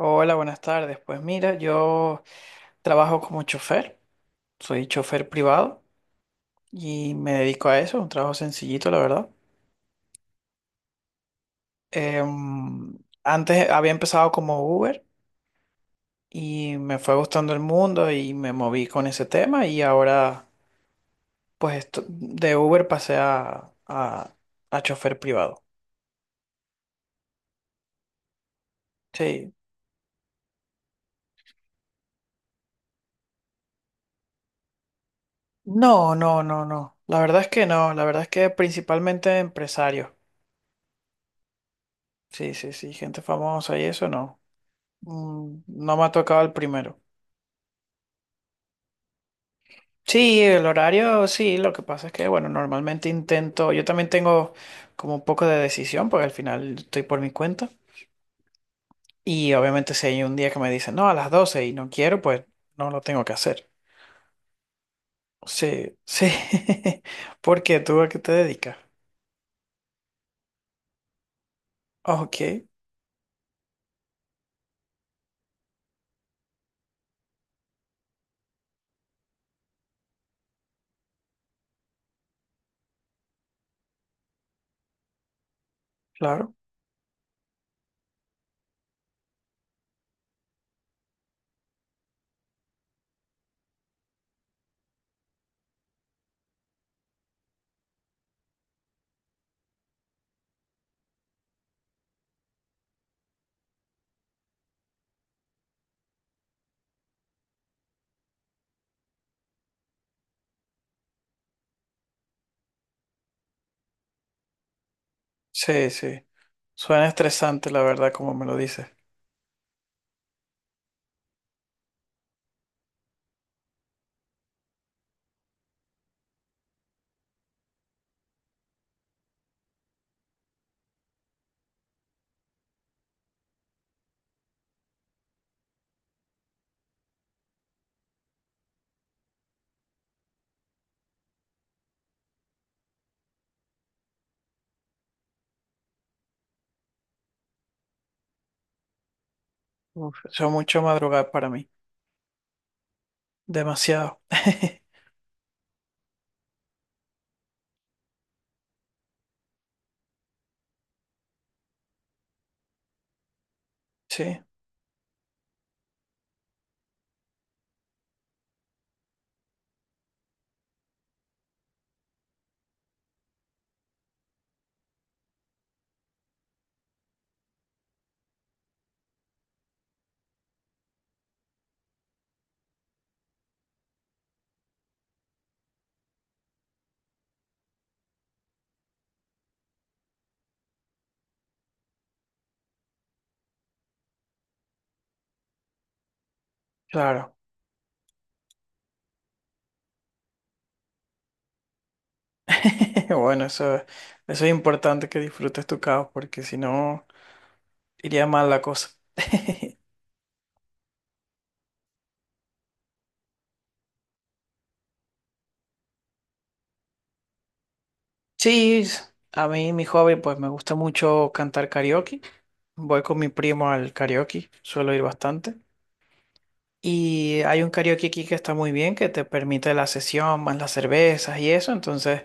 Hola, buenas tardes. Pues mira, yo trabajo como chofer, soy chofer privado y me dedico a eso, un trabajo sencillito, la verdad. Antes había empezado como Uber y me fue gustando el mundo y me moví con ese tema y ahora pues de Uber pasé a chofer privado. Sí. No, no, no, no. La verdad es que no, la verdad es que principalmente empresarios. Sí, sí, sí, gente famosa y eso no. Mm, no me ha tocado el primero. Sí, el horario, sí, lo que pasa es que, bueno, normalmente intento, yo también tengo como un poco de decisión, porque al final estoy por mi cuenta. Y obviamente si hay un día que me dicen, no, a las 12 y no quiero, pues no lo tengo que hacer. Sí, sí. ¿Por qué? ¿Tú a qué te dedicas? Ok, claro. Sí, sí. Suena estresante, la verdad, como me lo dices. Uf, eso es mucho madrugar para mí. Demasiado. Sí, claro. Bueno, eso es importante que disfrutes tu caos, porque si no, iría mal la cosa. Sí, a mí mi hobby, pues me gusta mucho cantar karaoke. Voy con mi primo al karaoke, suelo ir bastante. Y hay un karaoke aquí que está muy bien, que te permite la sesión, más las cervezas y eso, entonces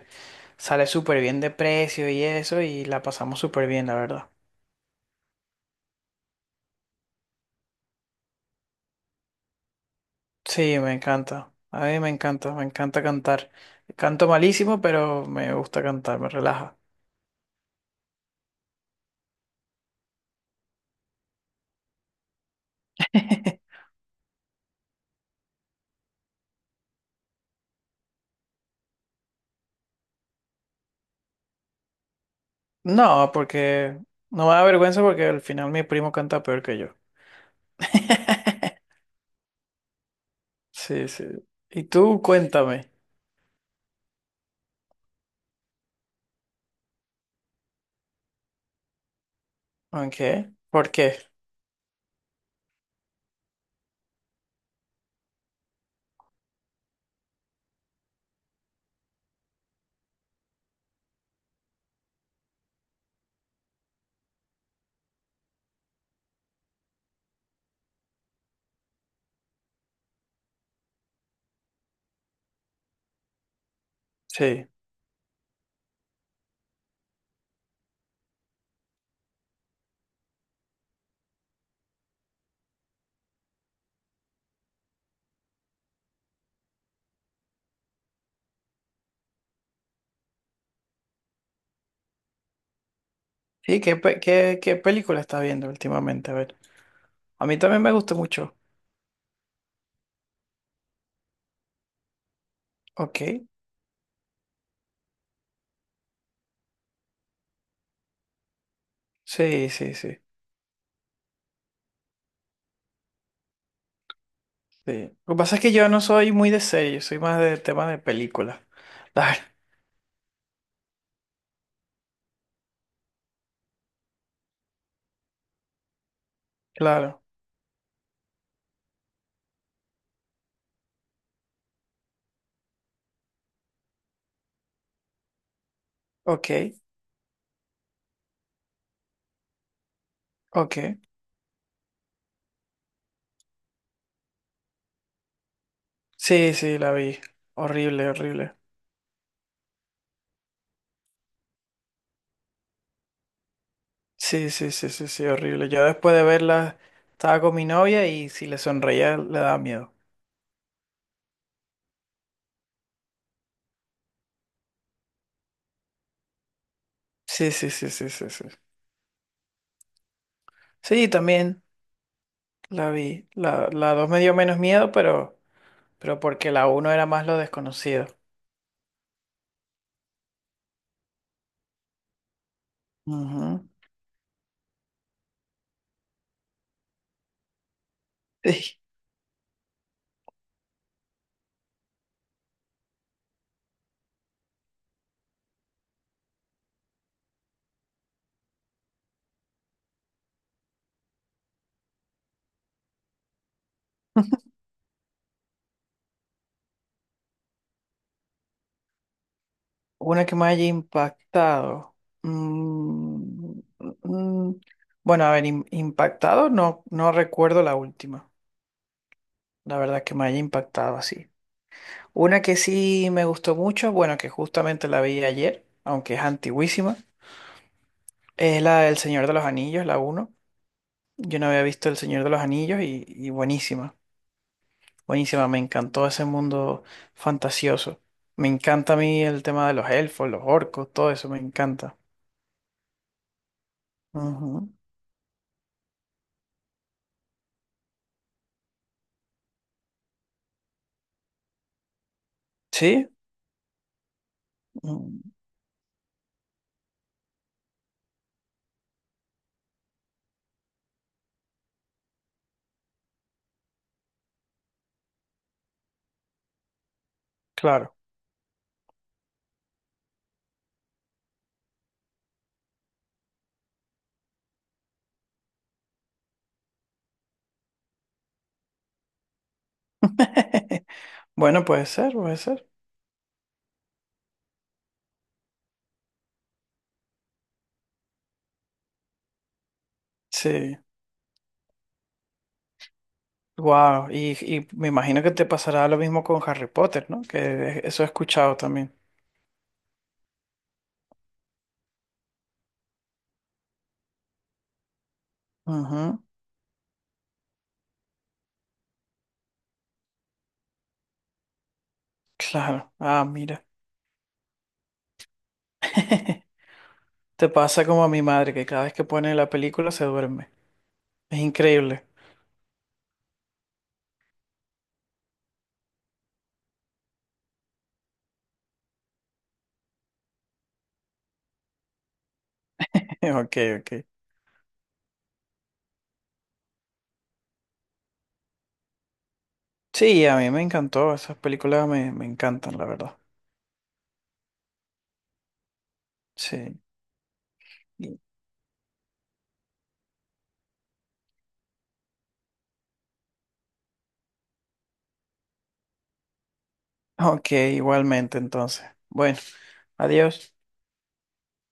sale súper bien de precio y eso, y la pasamos súper bien, la verdad. Sí, me encanta. A mí me encanta cantar. Canto malísimo, pero me gusta cantar, me relaja. No, porque no me da vergüenza porque al final mi primo canta peor que yo. Sí, sí. Y tú cuéntame, ¿en qué? ¿Por qué? Sí. Sí, qué película estás viendo últimamente? A ver. A mí también me gusta mucho. Ok. Sí, sí, sí. Sí. Lo que pasa es que yo no soy muy de serie, soy más de temas de películas. Claro, claro. Ok. Ok. Sí, sí, la vi. Horrible, horrible. Sí, sí, sí, sí, sí, horrible. Yo después de verla estaba con mi novia y si le sonreía le daba miedo. Sí, sí, sí, sí, sí, sí. Sí, también la vi. La dos me dio menos miedo, pero porque la uno era más lo desconocido. Ujú. Sí. Una que me haya impactado. Mm, mm, mm. Bueno, a ver, impactado no, no recuerdo la última. La verdad que me haya impactado así. Una que sí me gustó mucho, bueno, que justamente la vi ayer, aunque es antiguísima, es la del Señor de los Anillos, la uno. Yo no había visto El Señor de los Anillos y buenísima, buenísima, me encantó ese mundo fantasioso. Me encanta a mí el tema de los elfos, los orcos, todo eso me encanta. Ujú. ¿Sí? Mm, claro. Bueno, puede ser, puede ser. Sí. Wow, y me imagino que te pasará lo mismo con Harry Potter, ¿no? Que eso he escuchado también. Ujú. Claro. Ah, mira. Te pasa como a mi madre, que cada vez que pone la película se duerme. Es increíble. Ok, ok. Sí, a mí me encantó. Esas películas me, me encantan, la verdad. Sí. Ok, igualmente entonces. Bueno, adiós.